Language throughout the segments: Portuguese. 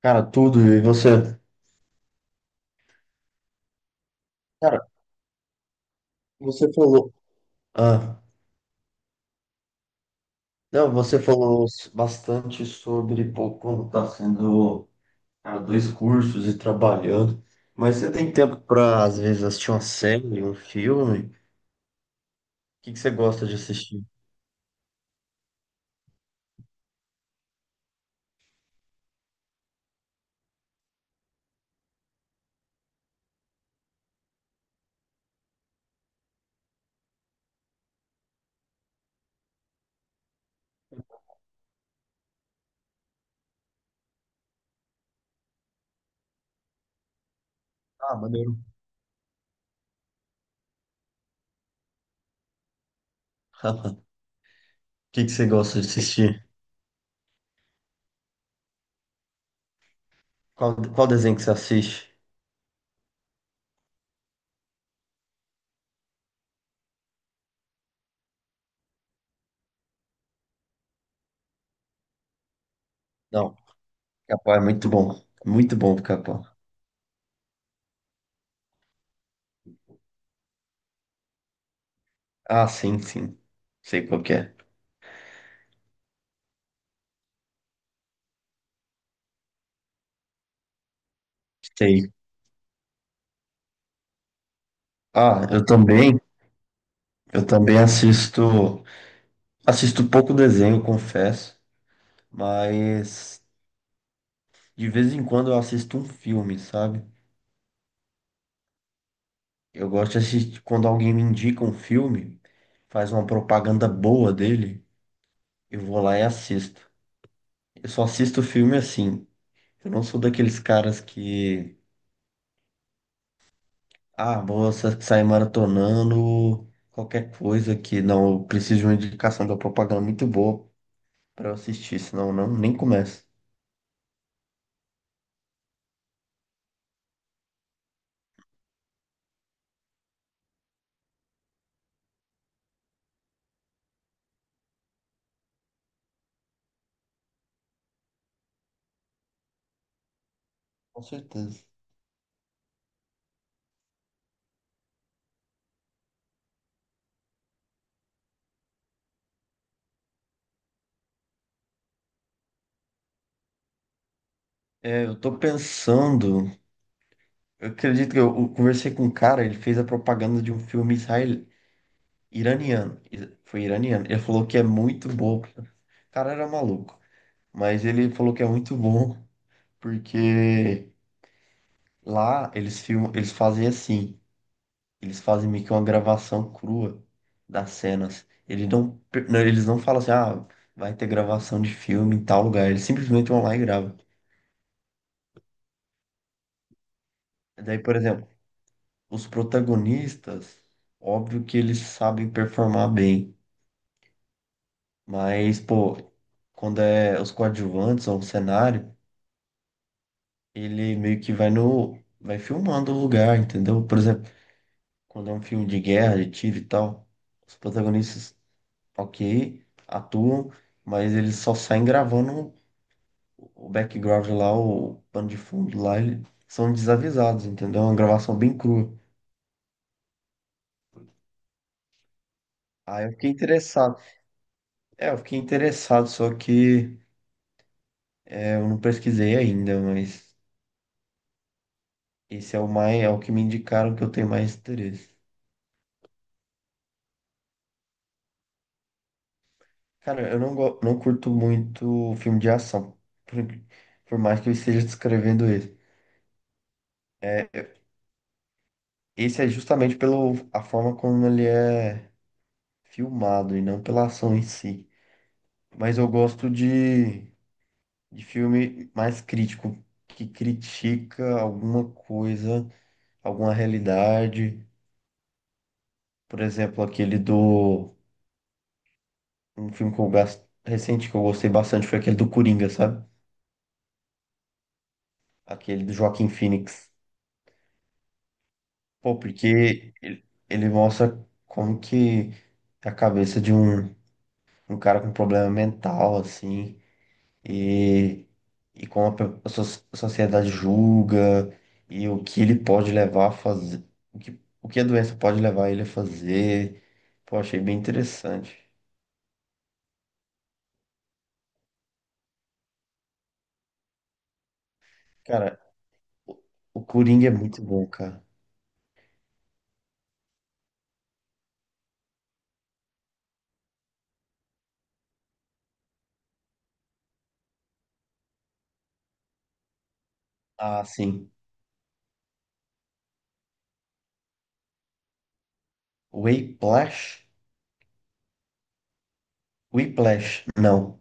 Cara, tudo. E você? Cara, você falou. Ah, não, você falou bastante sobre pô, como tá sendo cara, dois cursos e trabalhando. Mas você tem tempo pra, às vezes, assistir uma série, um filme? O que que você gosta de assistir? Ah, maneiro. O que que você gosta de assistir? Qual desenho que você assiste? Não, Capão é muito bom. Muito bom, Capão. Ah, sim, sim. Sei qual que é. Sei. Ah, eu também. Eu também assisto. Assisto pouco desenho, confesso, mas de vez em quando eu assisto um filme, sabe? Eu gosto de assistir quando alguém me indica um filme, faz uma propaganda boa dele, eu vou lá e assisto. Eu só assisto filme assim. Eu não sou daqueles caras que, ah, vou sair maratonando qualquer coisa que não, eu preciso de uma indicação de uma propaganda muito boa pra eu assistir, senão eu não nem começo. Com certeza. É, eu tô pensando. Eu acredito que eu conversei com um cara, ele fez a propaganda de um filme israel, iraniano. Foi iraniano. Ele falou que é muito bom. O cara era maluco, mas ele falou que é muito bom porque lá eles filmam, eles fazem assim, eles fazem meio que uma gravação crua das cenas. Eles não falam assim, ah, vai ter gravação de filme em tal lugar. Eles simplesmente vão lá e gravam. Daí, por exemplo, os protagonistas, óbvio que eles sabem performar bem. Mas, pô, quando é os coadjuvantes ou um cenário, ele meio que vai no. vai filmando o lugar, entendeu? Por exemplo, quando é um filme de guerra, de tiro e tal, os protagonistas, ok, atuam, mas eles só saem gravando o background lá, o pano de fundo lá, eles são desavisados, entendeu? É uma gravação bem crua. Aí eu fiquei interessado. É, eu fiquei interessado, só que é, eu não pesquisei ainda, mas esse é o mais, é o que me indicaram que eu tenho mais interesse. Cara, eu não curto muito filme de ação, por, por mais que eu esteja descrevendo ele. É, esse é justamente pelo a forma como ele é filmado e não pela ação em si. Mas eu gosto de filme mais crítico, que critica alguma coisa, alguma realidade. Por exemplo, aquele do. Um filme que eu gosto, recente que eu gostei bastante foi aquele do Coringa, sabe? Aquele do Joaquin Phoenix. Pô, porque ele mostra como que a cabeça de um, um cara com problema mental, assim, e, e como a, a a sociedade julga, e o que ele pode levar a fazer, o que a doença pode levar ele a fazer. Pô, achei bem interessante. Cara, o, o Coringa é muito bom, cara. Ah, sim. Whiplash? Whiplash, não.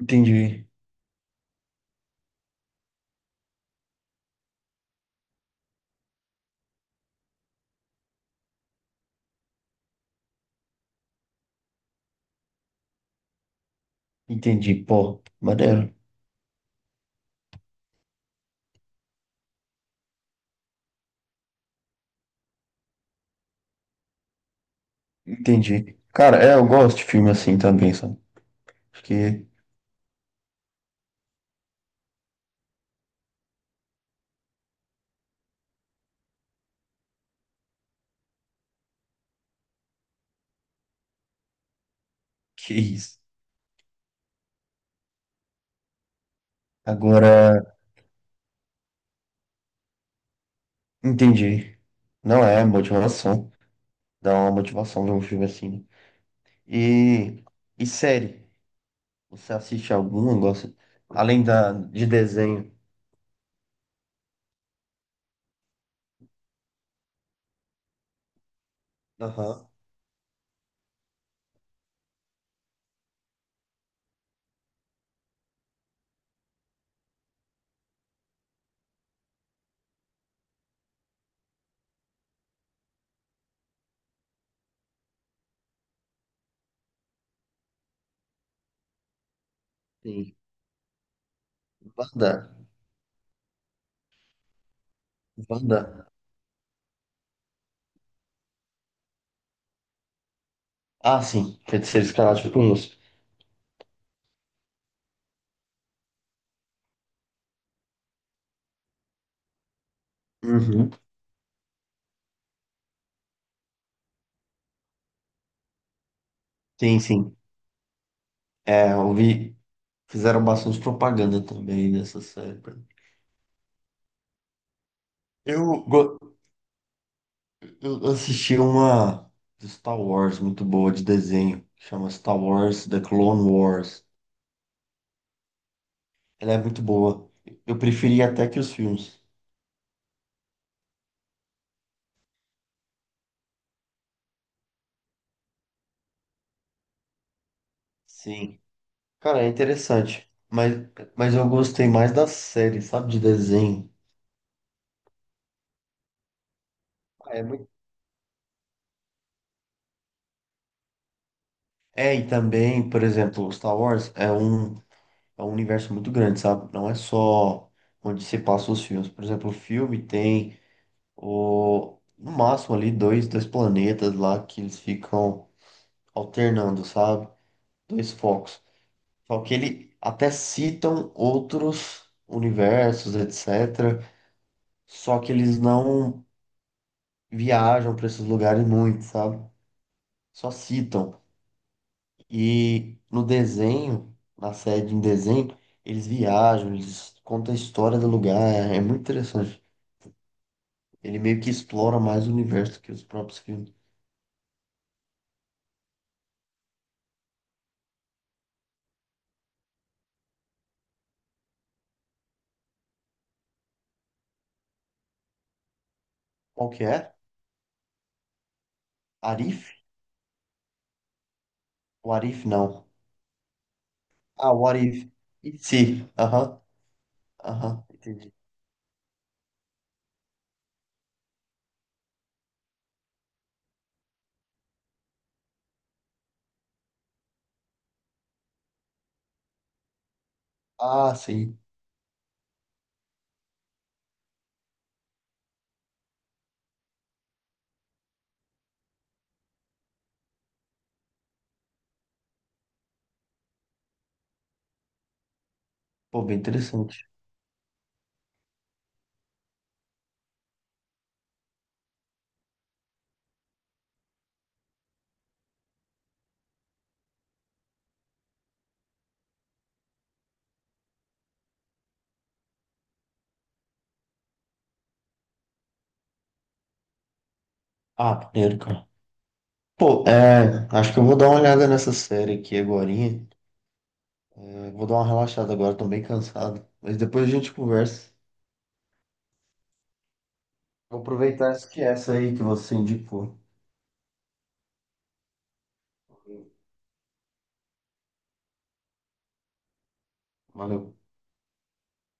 Entendi, entendi, pô, maneiro. Entendi. Cara, é, eu gosto de filme assim também, sabe? Acho que é isso. Agora, entendi. Não é motivação. Dá uma motivação ver um filme assim. Né? E, e série? Você assiste alguma? Gosta? Além da, de desenho. Aham. Sim. Wanda. Wanda. Ah, sim. Feiticeiros Escarlate eu conheço. Uhum. Sim, sim. É, eu vi. Fizeram bastante propaganda também nessa série. Pra mim. Eu, go- Eu assisti uma do Star Wars muito boa de desenho, que chama Star Wars The Clone Wars. Ela é muito boa. Eu preferi até que os filmes. Sim. Cara, é interessante. Mas eu gostei mais da série, sabe? De desenho. Ah, é muito... É, e também, por exemplo, Star Wars é um universo muito grande, sabe? Não é só onde se passa os filmes. Por exemplo, o filme tem o, no máximo ali dois, dois planetas lá que eles ficam. Alternando, sabe? Dois focos. Só que ele até citam outros universos, etc. Só que eles não viajam para esses lugares muito, sabe? Só citam. E no desenho, na série em desenho, eles viajam, eles contam a história do lugar. É, é muito interessante. Ele meio que explora mais o universo que os próprios filmes. Qual que é? Arif? O Arif não. Ah, o Arif. E se? Aham, aham, entendi. Ah, sim. Pô, bem interessante. Ah, primeiro, cara. Pô, é, acho que eu vou dar uma olhada nessa série aqui agorinha. É, vou dar uma relaxada agora, tô bem cansado. Mas depois a gente conversa. Vou aproveitar essa que é essa aí que você indicou. Valeu.